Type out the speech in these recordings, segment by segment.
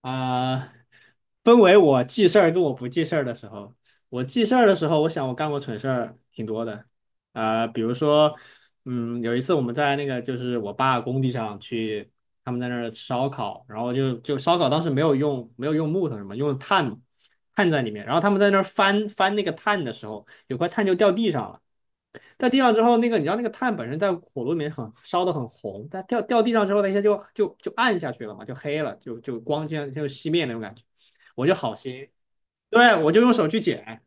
啊、分为我记事儿跟我不记事儿的时候，我记事儿的时候，我想我干过蠢事儿挺多的。比如说，有一次我们在那个就是我爸工地上去，他们在那儿吃烧烤，然后就烧烤当时没有用木头什么，用炭嘛。炭在里面，然后他们在那儿翻翻那个炭的时候，有块炭就掉地上了。在地上之后，那个你知道那个炭本身在火炉里面很烧的很红，但掉地上之后，那些就暗下去了嘛，就黑了，就光这样就熄灭那种感觉。我就好心，对，我就用手去捡，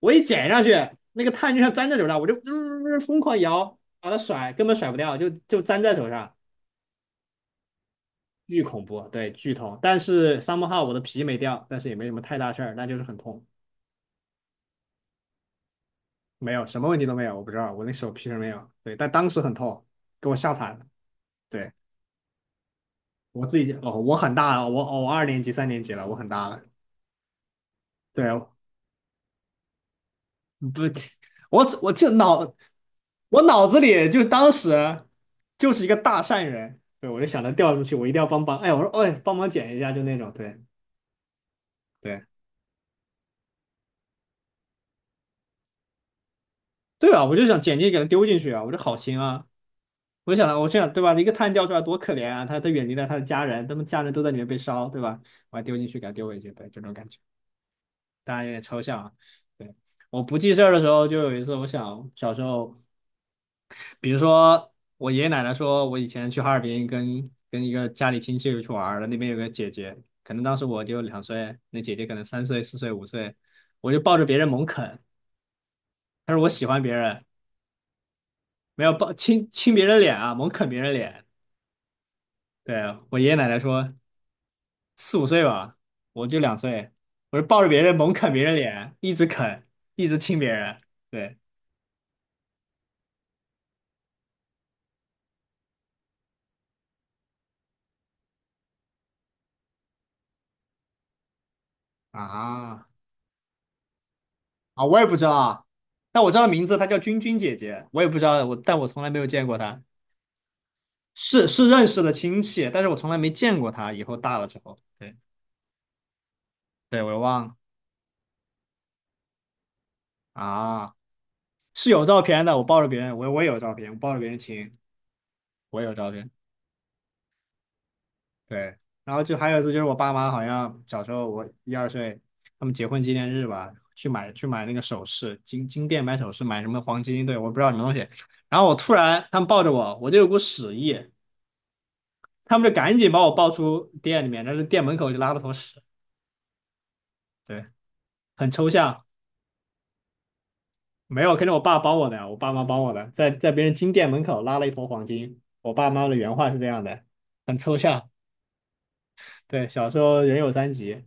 我一捡上去，那个炭就像粘在手上，疯狂摇，把它甩，根本甩不掉，就粘在手上，巨恐怖。对，巨痛。但是 somehow 我的皮没掉，但是也没什么太大事儿，那就是很痛。没有，什么问题都没有，我不知道，我那手皮是没有，对，但当时很痛，给我吓惨了。对，我自己，哦，我很大了，我我二年级、三年级了，我很大了。对，不，我这脑，我脑子里就当时就是一个大善人。对，我就想着掉出去，我一定要帮帮，哎，我说，哎，帮忙捡一下，就那种。对，对，对啊，我就想捡进去给他丢进去啊，我这好心啊。我就想，我这样对吧？一个碳掉出来多可怜啊！他远离了他的家人，他们家人都在里面被烧，对吧？我还丢进去，给他丢回去，对，这种感觉。当然有点抽象啊。对，我不记事儿的时候，就有一次，我想小时候，比如说我爷爷奶奶说，我以前去哈尔滨跟一个家里亲戚去玩儿了，那边有个姐姐，可能当时我就两岁，那姐姐可能3岁、4岁、5岁，我就抱着别人猛啃。她说我喜欢别人，没有，抱亲亲别人脸啊，猛啃别人脸。对，我爷爷奶奶说四五岁吧，我就两岁，我就抱着别人猛啃别人脸，一直啃，一直亲别人。对啊。啊，我也不知道啊，但我知道名字，她叫君君姐姐，我也不知道，但我从来没有见过她，是认识的亲戚，但是我从来没见过她。以后大了之后，对。对，我又忘了。啊，是有照片的，我抱着别人，我也有照片，我抱着别人亲，我也有照片，对。然后就还有一次就是我爸妈好像小时候我一二岁，他们结婚纪念日吧，去买那个首饰，金店买首饰，买什么黄金，对，我不知道什么东西。然后我突然他们抱着我，我就有股屎意。他们就赶紧把我抱出店里面，但是店门口就拉了坨屎，对，很抽象。没有，肯定我爸帮我的，我爸妈帮我的，在别人金店门口拉了一坨黄金。我爸妈的原话是这样的，很抽象。对，小时候人有三急。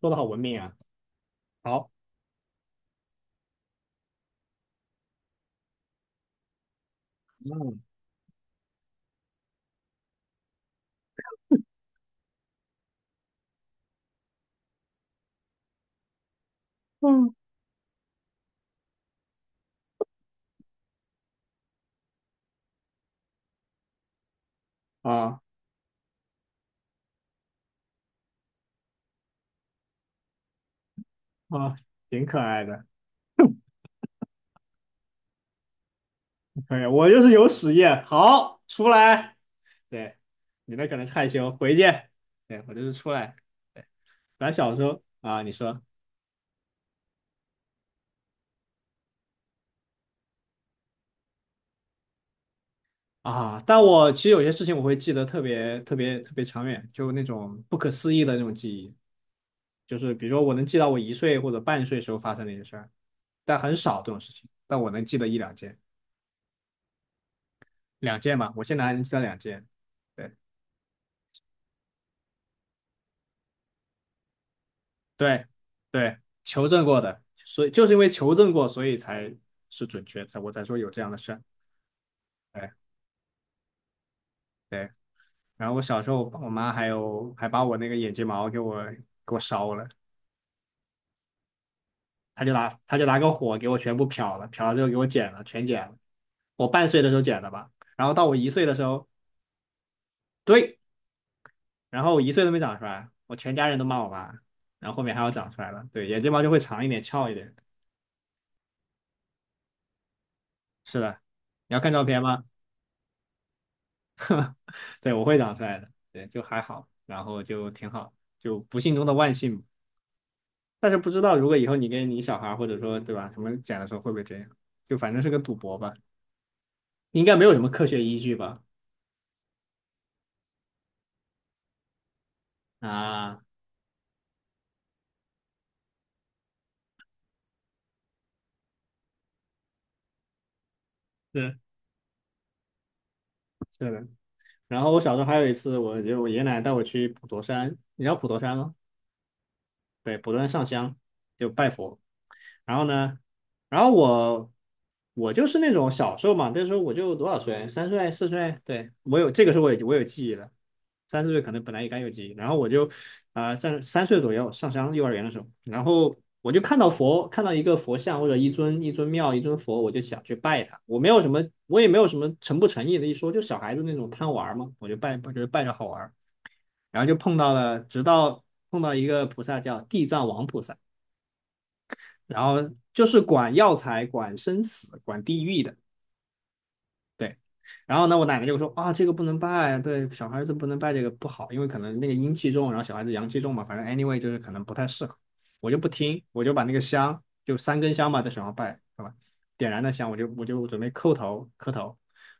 说的好文明啊。好，嗯嗯啊啊，挺可爱的。可以。我就是有屎液，好，出来。对，你那可能是害羞，回去。对，我就是出来。对，咱小时候啊，你说。啊，但我其实有些事情我会记得特别特别特别长远，就那种不可思议的那种记忆，就是比如说我能记到我一岁或者半岁时候发生的一些事儿，但很少这种事情，但我能记得一两件。两件吧，我现在还能记得两件。对对对，求证过的，所以就是因为求证过，所以才是准确，才我才说有这样的事儿。对对，然后我小时候我妈还有还把我那个眼睫毛给我烧了。他就拿个火给我全部漂了，漂了之后给我剪了，全剪了。我半岁的时候剪的吧，然后到我一岁的时候，对，然后我一岁都没长出来，我全家人都骂我吧。然后后面还要长出来了，对，眼睫毛就会长一点，翘一点。是的，你要看照片吗？对，我会长出来的，对，就还好，然后就挺好，就不幸中的万幸。但是不知道如果以后你跟你小孩或者说对吧什么剪的时候会不会这样，就反正是个赌博吧，应该没有什么科学依据吧？啊，是是的。然后我小时候还有一次，我爷爷奶奶带我去普陀山，你知道普陀山吗？对，不断上香就拜佛。然后呢，然后我就是那种小时候嘛，那时候我就多少岁，三岁四岁，对我有这个时候我有记忆了，三四岁可能本来也该有记忆，然后我就三岁左右上香幼儿园的时候，然后我就看到佛，看到一个佛像或者一尊佛，我就想去拜他，我没有什么我也没有什么诚不诚意的一说，就小孩子那种贪玩嘛，我就拜就是拜着好玩。然后就碰到了，直到碰到一个菩萨叫地藏王菩萨，然后就是管药材、管生死、管地狱的，对。然后呢，我奶奶就说啊，这个不能拜啊，对，小孩子不能拜这个不好，因为可能那个阴气重，然后小孩子阳气重嘛，反正 anyway 就是可能不太适合。我就不听，我就把那个香，就3根香嘛，在手上拜，是吧？点燃的香，我就准备叩头磕头，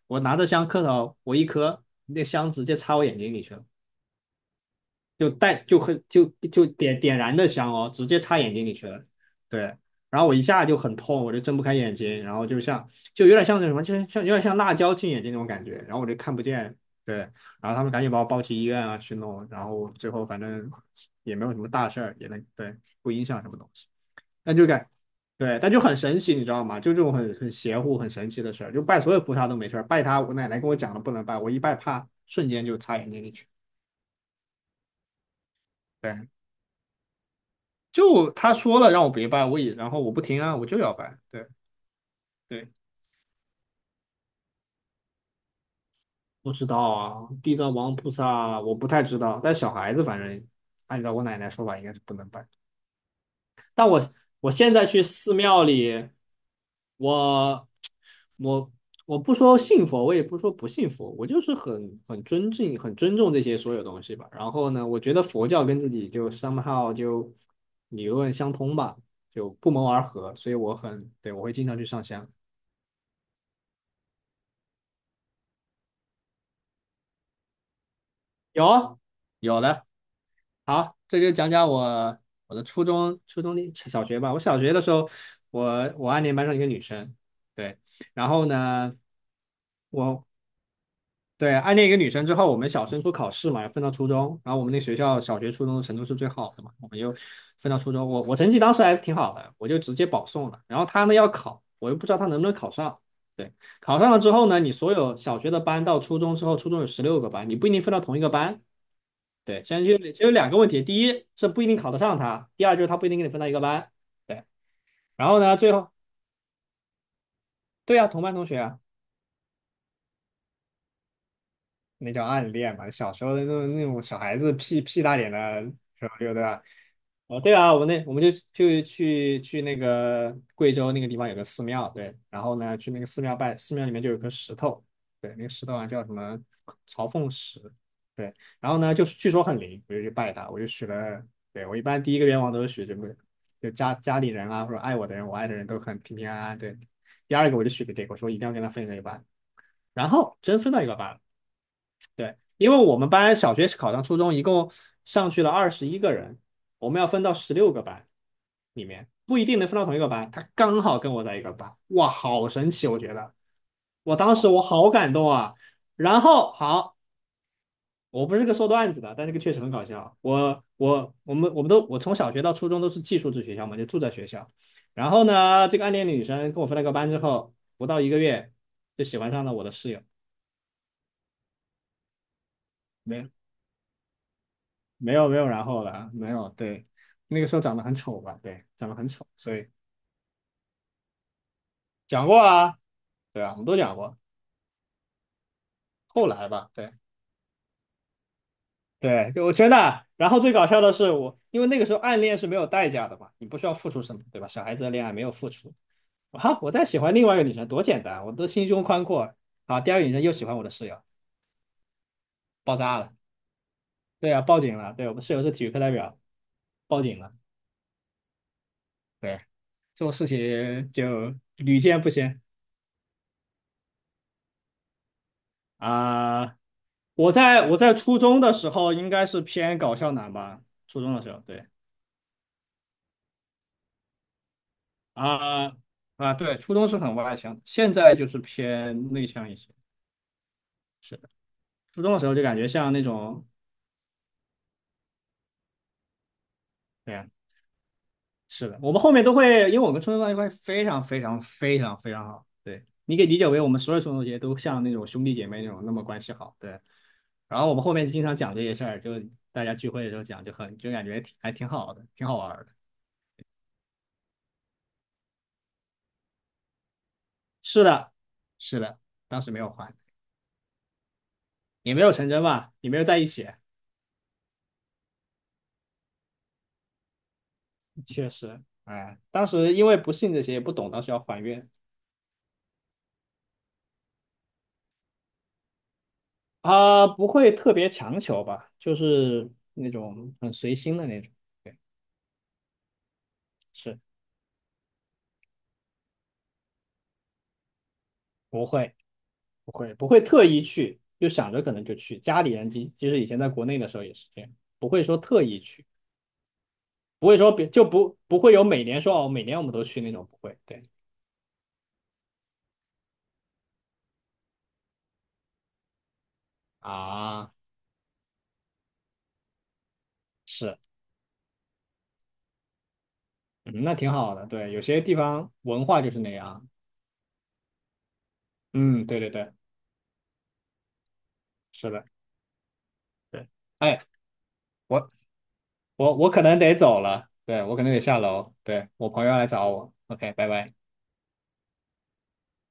我拿着香磕头，我一磕，那香直接插我眼睛里去了。就带就很就就点燃的香哦，直接插眼睛里去了。对，然后我一下就很痛，我就睁不开眼睛，然后就像就有点像那什么，就是像有点像辣椒进眼睛那种感觉，然后我就看不见。对，然后他们赶紧把我抱去医院啊去弄，然后最后反正也没有什么大事儿，也能，对，不影响什么东西，但就感对，但就很神奇，你知道吗？就这种很邪乎、很神奇的事儿，就拜所有菩萨都没事儿，拜他我奶奶跟我讲了不能拜，我一拜怕瞬间就插眼睛里去。对，就他说了让我别拜，然后我不听啊，我就要拜。对对，不知道啊，地藏王菩萨我不太知道，但小孩子反正按照我奶奶说法应该是不能拜。那我我现在去寺庙里，我我我不说信佛，我也不说不信佛，我就是很尊敬、很尊重这些所有东西吧。然后呢，我觉得佛教跟自己就 somehow 就理论相通吧，就不谋而合，所以我很，对，我会经常去上香。有有的，好，这就讲讲我我的初中、初中的小学吧。我小学的时候，我暗恋班上一个女生。对。然后呢，我对，暗恋一个女生之后，我们小升初考试嘛，分到初中。然后我们那学校小学、初中的程度是最好的嘛，我们就分到初中。我成绩当时还挺好的，我就直接保送了。然后她呢要考，我又不知道她能不能考上。对。考上了之后呢，你所有小学的班到初中之后，初中有十六个班，你不一定分到同一个班。对。现在就有两个问题，第一是不一定考得上他，第二就是他不一定跟你分到一个班。对。然后呢，最后。对呀，同班同学啊。那叫暗恋嘛，小时候的那种小孩子屁屁大点的时候，就对吧？哦，对啊，我们就去那个贵州那个地方有个寺庙。对。然后呢去那个寺庙拜，寺庙里面就有颗石头。对。那个石头啊叫什么朝凤石。对。然后呢就是据说很灵，我就去拜它，我就许了。对，我一般第一个愿望都是许这个，就家里人啊或者爱我的人，我爱的人都很平平安安。对。第二个我就许给这个，我说一定要跟他分一个班，然后真分到一个班了。对。因为我们班小学考上初中一共上去了21个人，我们要分到十六个班里面，不一定能分到同一个班。他刚好跟我在一个班。哇，好神奇！我觉得，我当时我好感动啊。然后好，我不是个说段子的，但这个确实很搞笑。我我我们我们都我从小学到初中都是寄宿制学校嘛，就住在学校。然后呢，这个暗恋的女生跟我分了个班之后，不到一个月就喜欢上了我的室友。没有，没有没有然后了，没有。对。那个时候长得很丑吧。对，长得很丑，所以讲过啊。对啊，我们都讲过。后来吧，对对，就我真的。然后最搞笑的是我，因为那个时候暗恋是没有代价的嘛，你不需要付出什么，对吧？小孩子的恋爱没有付出。啊，我在喜欢另外一个女生多简单，我都心胸宽阔。啊，第二个女生又喜欢我的室友。爆炸了。对啊，报警了。对，我们室友是体育课代表，报警了。对，这种事情就屡见不鲜。啊,我在初中的时候应该是偏搞笑男吧，初中的时候。对，啊啊，对，初中是很外向，现在就是偏内向一些。是的，初中的时候就感觉像那种。对呀，是的，我们后面都会，因为我跟初中关系非常非常非常非常好。对，你可以理解为我们所有初中同学都像那种兄弟姐妹那种那么关系好。对。然后我们后面经常讲这些事儿，就大家聚会的时候讲，就感觉挺还挺好的，挺好玩儿的。是的，是的，当时没有还，也没有成真吧，也没有在一起。确实。哎，当时因为不信这些，也不懂，当时要还愿啊，不会特别强求吧，就是那种很随心的那种。对。是，不会，不会不会特意去，就想着可能就去，家里人即使以前在国内的时候也是这样，不会说特意去，不会说别就不不会有每年说哦，每年我们都去那种。不会。对啊，是。嗯那挺好的。对，有些地方文化就是那样。嗯，对对对，是的。对。哎，我我可能得走了。对，我可能得下楼。对，我朋友要来找我。OK,拜拜。